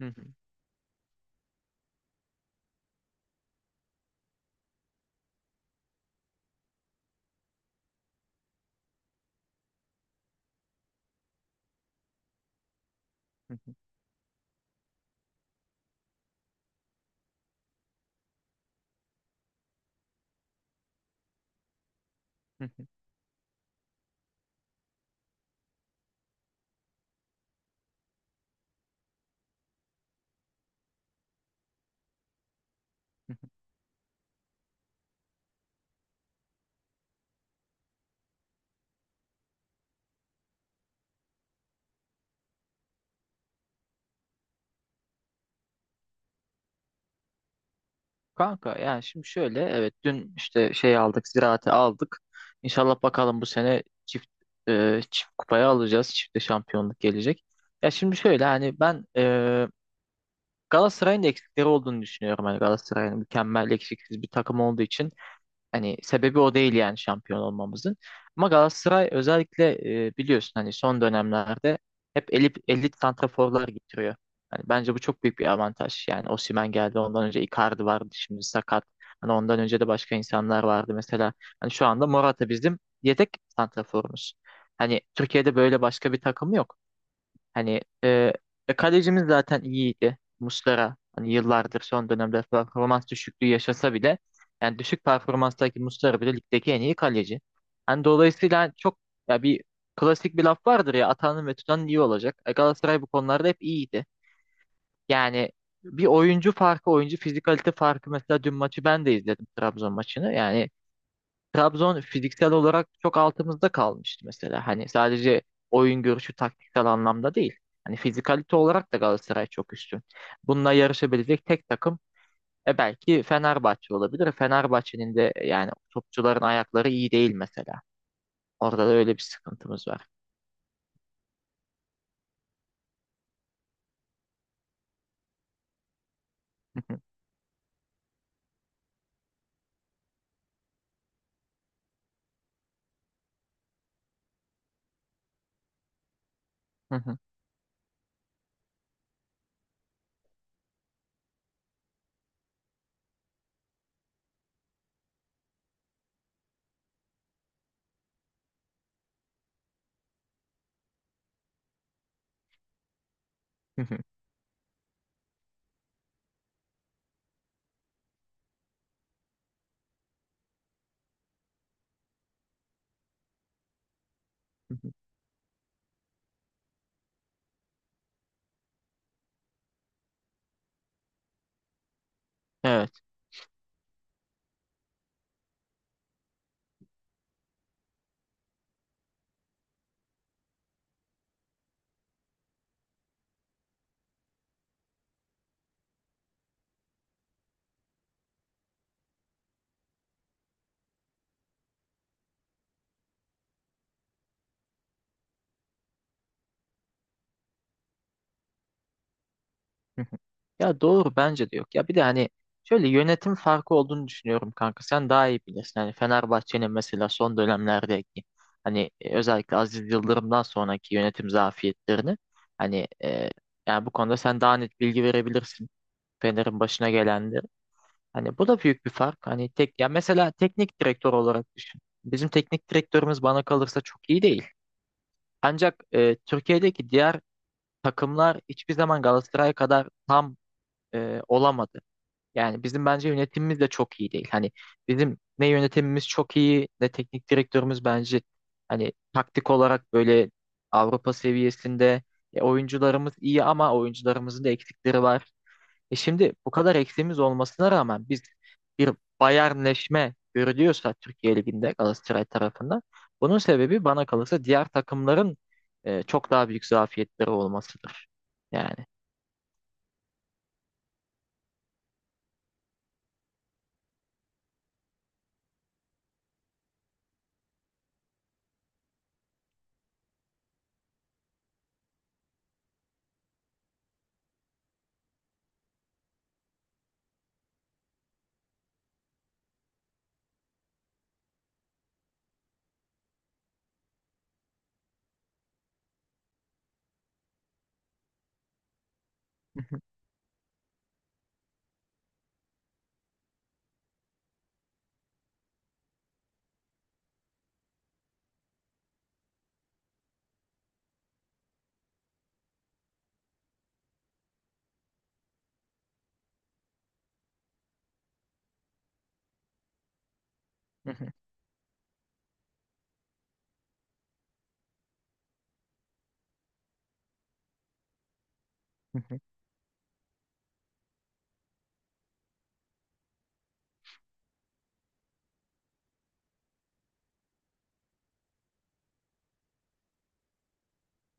Hı hı, hı hı, hı hı, hı hı. Kanka yani şimdi şöyle, evet, dün işte şey aldık, ziraati aldık. İnşallah bakalım bu sene çift çift kupayı alacağız. Çifte şampiyonluk gelecek. Ya şimdi şöyle, hani ben Galatasaray'ın eksikleri olduğunu düşünüyorum. Hani Galatasaray'ın mükemmel, eksiksiz bir takım olduğu için hani sebebi o değil yani şampiyon olmamızın. Ama Galatasaray özellikle biliyorsun, hani son dönemlerde hep elit, elit santraforlar getiriyor. Hani bence bu çok büyük bir avantaj. Yani Osimhen geldi, ondan önce Icardi vardı, şimdi sakat. Hani ondan önce de başka insanlar vardı mesela. Hani şu anda Morata bizim yedek santraforumuz. Hani Türkiye'de böyle başka bir takım yok. Hani kalecimiz zaten iyiydi. Muslera, hani yıllardır son dönemde performans düşüklüğü yaşasa bile yani düşük performanstaki Muslera bile ligdeki en iyi kaleci. Hani dolayısıyla çok, ya bir klasik bir laf vardır ya, atanın ve tutanın iyi olacak. E, Galatasaray bu konularda hep iyiydi. Yani bir oyuncu farkı, oyuncu fizikalite farkı. Mesela dün maçı ben de izledim, Trabzon maçını. Yani Trabzon fiziksel olarak çok altımızda kalmıştı mesela. Hani sadece oyun görüşü, taktiksel anlamda değil. Hani fizikalite olarak da Galatasaray çok üstün. Bununla yarışabilecek tek takım e belki Fenerbahçe olabilir. Fenerbahçe'nin de yani topçuların ayakları iyi değil mesela. Orada da öyle bir sıkıntımız var. Evet. Hı hı. Ya doğru, bence de yok. Ya bir de hani şöyle yönetim farkı olduğunu düşünüyorum, kanka. Sen daha iyi bilirsin. Hani Fenerbahçe'nin mesela son dönemlerdeki hani özellikle Aziz Yıldırım'dan sonraki yönetim zafiyetlerini, hani yani bu konuda sen daha net bilgi verebilirsin. Fener'in başına gelenleri. Hani bu da büyük bir fark. Hani tek, ya mesela teknik direktör olarak düşün. Bizim teknik direktörümüz bana kalırsa çok iyi değil. Ancak Türkiye'deki diğer takımlar hiçbir zaman Galatasaray kadar tam olamadı. Yani bizim bence yönetimimiz de çok iyi değil. Hani bizim ne yönetimimiz çok iyi, ne teknik direktörümüz bence hani taktik olarak böyle Avrupa seviyesinde. E, oyuncularımız iyi ama oyuncularımızın da eksikleri var. E, şimdi bu kadar eksiğimiz olmasına rağmen biz bir bayernleşme görülüyorsa Türkiye Ligi'nde Galatasaray tarafından, bunun sebebi bana kalırsa diğer takımların çok daha büyük zafiyetleri olmasıdır. Yani.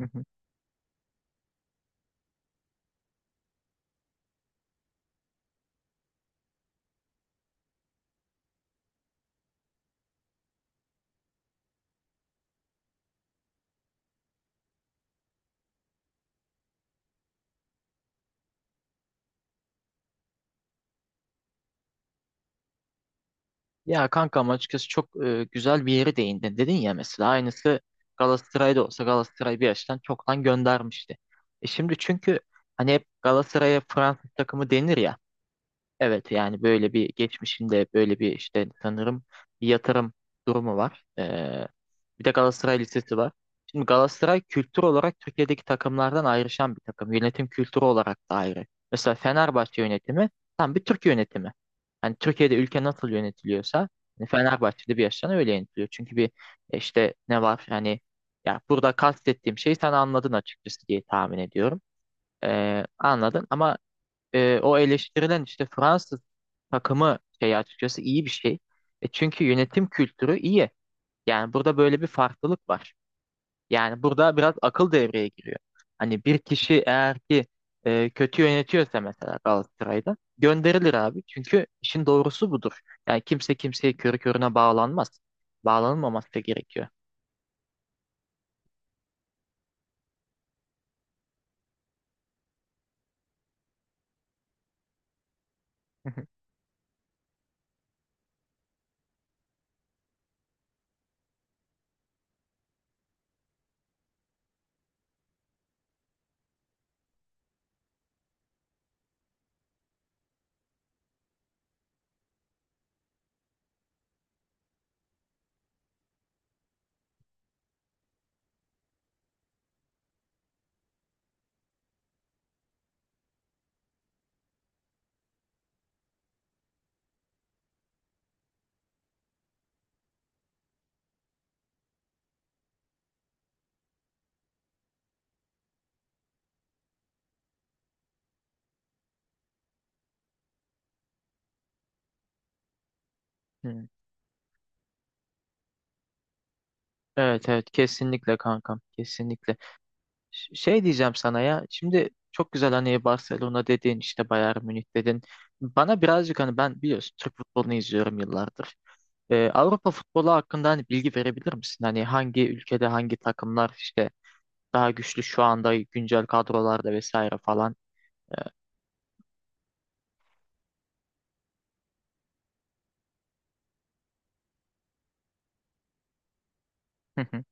Ya kankam, açıkçası çok güzel bir yere değindin. Dedin ya, mesela aynısı Galatasaray'da olsa Galatasaray bir yaştan çoktan göndermişti. E şimdi, çünkü hani hep Galatasaray'a Fransız takımı denir ya. Evet, yani böyle bir geçmişinde böyle bir işte sanırım bir yatırım durumu var. Bir de Galatasaray Lisesi var. Şimdi Galatasaray kültür olarak Türkiye'deki takımlardan ayrışan bir takım. Yönetim kültürü olarak da ayrı. Mesela Fenerbahçe yönetimi tam bir Türk yönetimi. Hani Türkiye'de ülke nasıl yönetiliyorsa hani Fenerbahçe'de bir yaştan öyle yönetiliyor. Çünkü bir işte ne var yani, ya burada kastettiğim şeyi sen anladın açıkçası diye tahmin ediyorum. Anladın ama o eleştirilen işte Fransız takımı şey açıkçası iyi bir şey. E, çünkü yönetim kültürü iyi. Yani burada böyle bir farklılık var. Yani burada biraz akıl devreye giriyor. Hani bir kişi eğer ki kötü yönetiyorsa mesela Galatasaray'da gönderilir abi. Çünkü işin doğrusu budur. Yani kimse kimseye körü körüne bağlanmaz. Bağlanılmaması da gerekiyor. Hı. Evet evet, kesinlikle kankam, kesinlikle. Şey diyeceğim sana ya. Şimdi çok güzel, hani Barcelona dedin, işte Bayern Münih dedin. Bana birazcık, hani ben biliyorsun Türk futbolunu izliyorum yıllardır. Avrupa futbolu hakkında hani bilgi verebilir misin? Hani hangi ülkede hangi takımlar işte daha güçlü şu anda, güncel kadrolarda vesaire falan. Ee,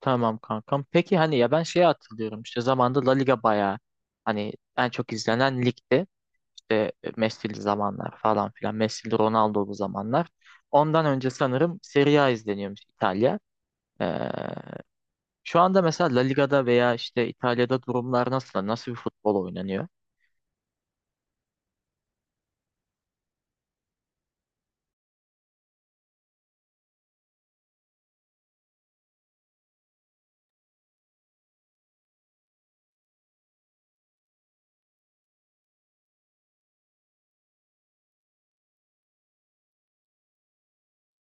tamam kankam. Peki hani, ya ben şeye hatırlıyorum, işte zamanda La Liga bayağı hani en çok izlenen ligdi. İşte Messi'li zamanlar falan filan. Messi'li Ronaldo'lu zamanlar. Ondan önce sanırım Serie A izleniyormuş, İtalya. Ee, şu anda mesela La Liga'da veya işte İtalya'da durumlar nasıl? Nasıl bir futbol oynanıyor?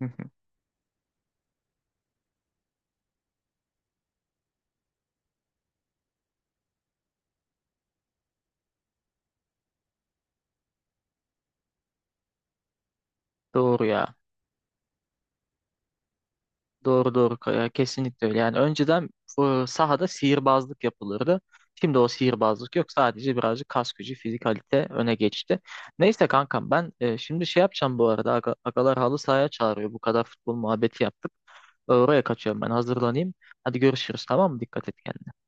Doğru ya. Doğru doğru Kaya, kesinlikle öyle. Yani önceden sahada sihirbazlık yapılırdı. Şimdi o sihirbazlık yok. Sadece birazcık kas gücü, fizikalite öne geçti. Neyse kankam, ben şimdi şey yapacağım bu arada. Agalar halı sahaya çağırıyor. Bu kadar futbol muhabbeti yaptık. Oraya kaçıyorum, ben hazırlanayım. Hadi görüşürüz, tamam mı? Dikkat et kendine.